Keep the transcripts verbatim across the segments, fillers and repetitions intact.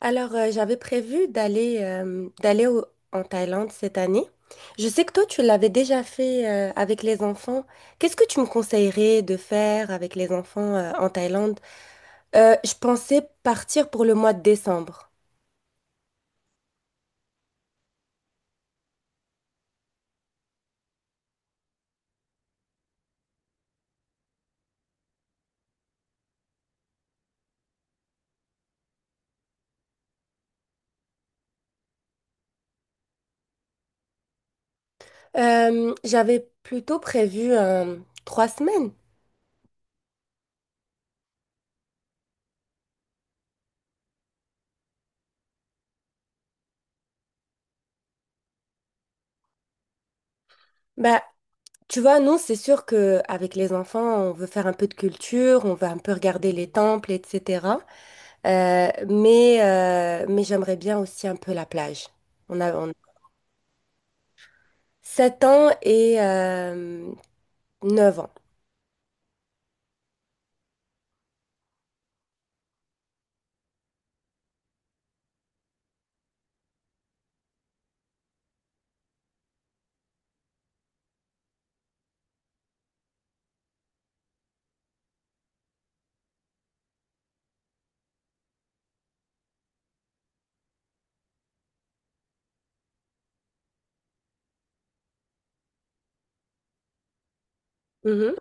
Alors, euh, j'avais prévu d'aller euh, d'aller au- en Thaïlande cette année. Je sais que toi, tu l'avais déjà fait euh, avec les enfants. Qu'est-ce que tu me conseillerais de faire avec les enfants euh, en Thaïlande? Euh, je pensais partir pour le mois de décembre. Euh, j'avais plutôt prévu euh, trois semaines. Bah, Tu vois, nous, c'est sûr que avec les enfants, on veut faire un peu de culture, on veut un peu regarder les temples, et cetera. Euh, mais euh, mais j'aimerais bien aussi un peu la plage. On a, on sept ans et euh, neuf ans. Mhm.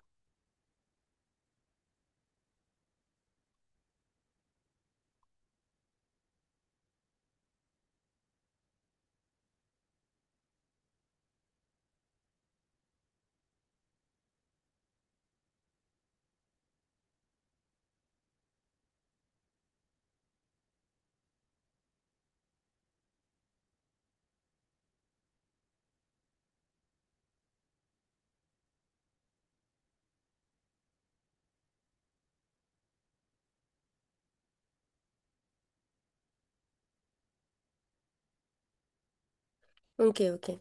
Ok, ok.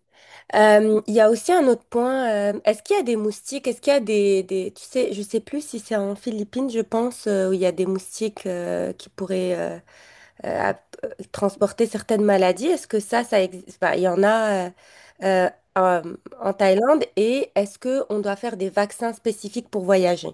Euh, Il y a aussi un autre point. Euh, est-ce qu'il y a des moustiques? Est-ce qu'il y a des, des- Tu sais, je sais plus si c'est en Philippines, je pense, euh, où il y a des moustiques euh, qui pourraient euh, euh, app- euh, transporter certaines maladies. Est-ce que ça, ça existe? Enfin, il y en a euh, euh, en en Thaïlande. Et est-ce que on doit faire des vaccins spécifiques pour voyager?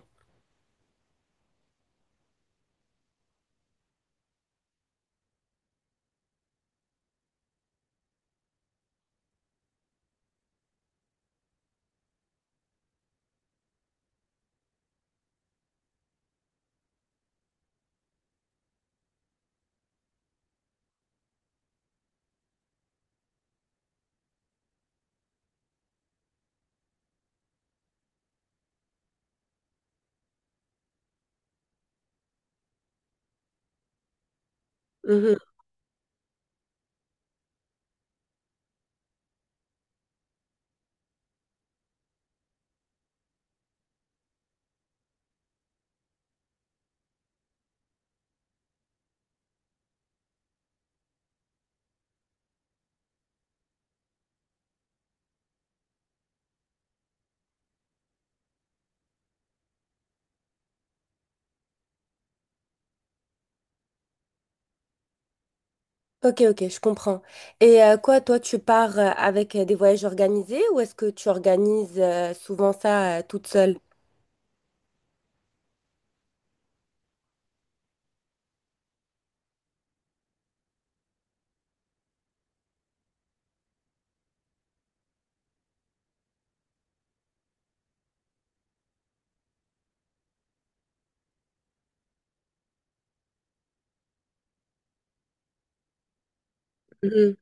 Ok, ok, je comprends. Et euh, quoi, toi, tu pars euh, avec euh, des voyages organisés ou est-ce que tu organises euh, souvent ça euh, toute seule? Mhm.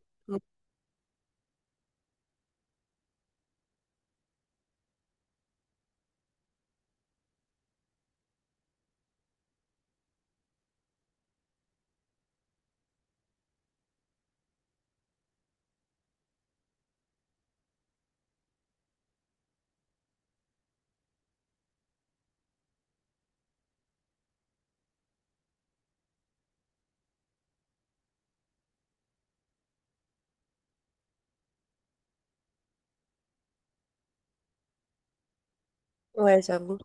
Ouais, j'avoue.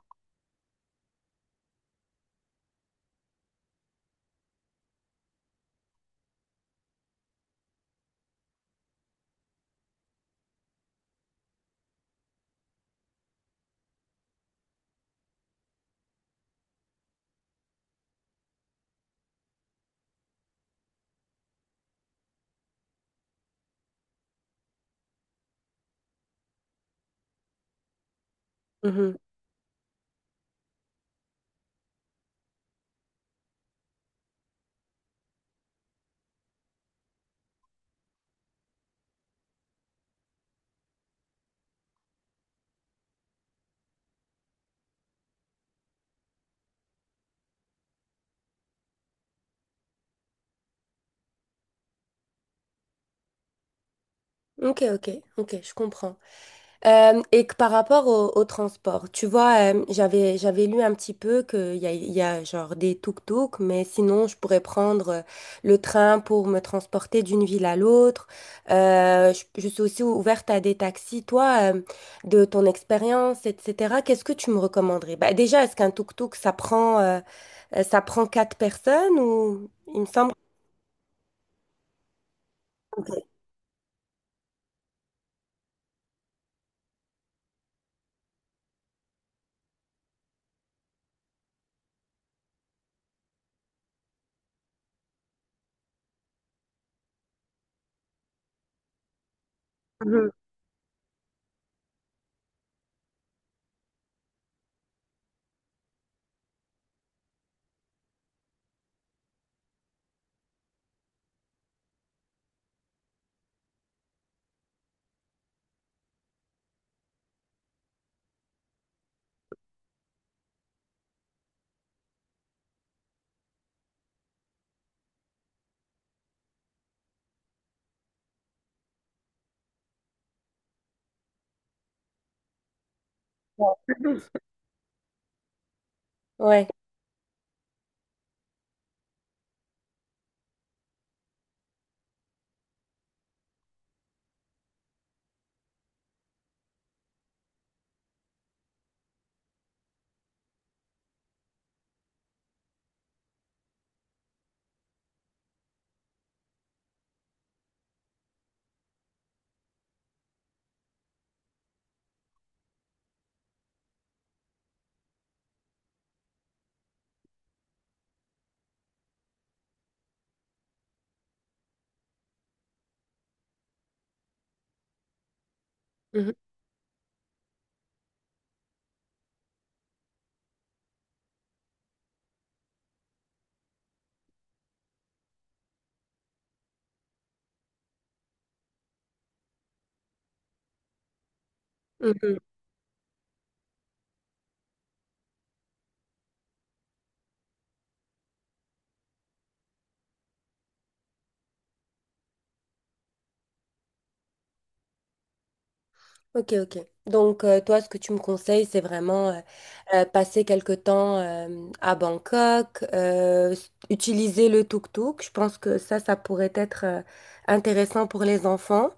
Mhm. Ok, ok, ok, je comprends. Euh, et que par rapport au, au transport, tu vois, euh, j'avais, j'avais lu un petit peu qu'il y a, il y a genre des tuk-tuk, mais sinon je pourrais prendre euh, le train pour me transporter d'une ville à l'autre. Euh, je, je suis aussi ouverte à des taxis. Toi, euh, de ton expérience, et cetera, qu'est-ce que tu me recommanderais? Bah, déjà, est-ce qu'un tuk-tuk, ça prend, euh, euh, ça prend quatre personnes ou il me semble que... Mhm. Ouais. Mhm. Mhm. Ok, ok. Donc, euh, toi, ce que tu me conseilles, c'est vraiment euh, euh, passer quelque temps euh, à Bangkok, euh, s- utiliser le tuk-tuk. Je pense que ça, ça pourrait être euh, intéressant pour les enfants.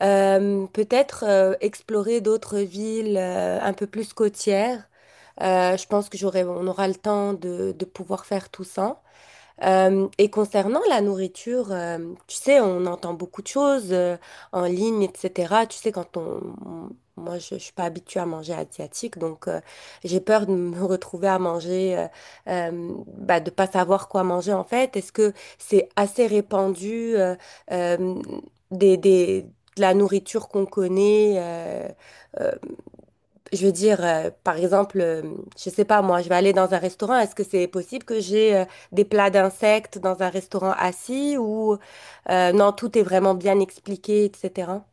Euh, peut-être euh, explorer d'autres villes euh, un peu plus côtières. Euh, je pense que j'aurai, on aura le temps de, de pouvoir faire tout ça. Euh, et concernant la nourriture, euh, tu sais, on entend beaucoup de choses euh, en ligne, et cetera. Tu sais, quand on, on- Moi, je, je suis pas habituée à manger asiatique, donc euh, j'ai peur de me retrouver à manger, euh, euh, bah, de pas savoir quoi manger en fait. Est-ce que c'est assez répandu euh, euh, des, des- de la nourriture qu'on connaît? euh, euh, je veux dire, euh, par exemple, euh, je sais pas moi, je vais aller dans un restaurant. Est-ce que c'est possible que j'ai euh, des plats d'insectes dans un restaurant assis ou euh, non, tout est vraiment bien expliqué, et cetera.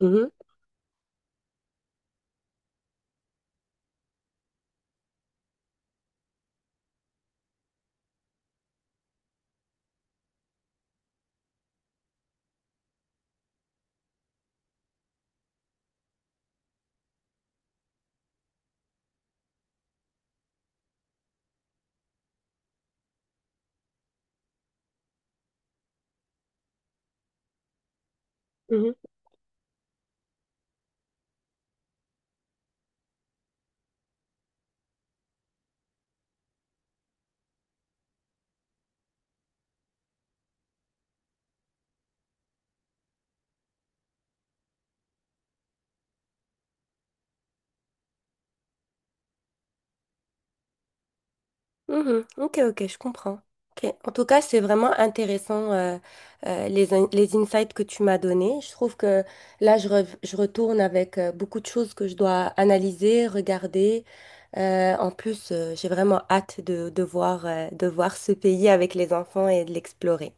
Mhm, mhm. Mhm. Ok, ok, je comprends. Ok. En tout cas, c'est vraiment intéressant euh, euh, les, in- les insights que tu m'as donnés. Je trouve que là, je, rev- je retourne avec euh, beaucoup de choses que je dois analyser, regarder. Euh, en plus, euh, j'ai vraiment hâte de, de voir, euh, de voir ce pays avec les enfants et de l'explorer.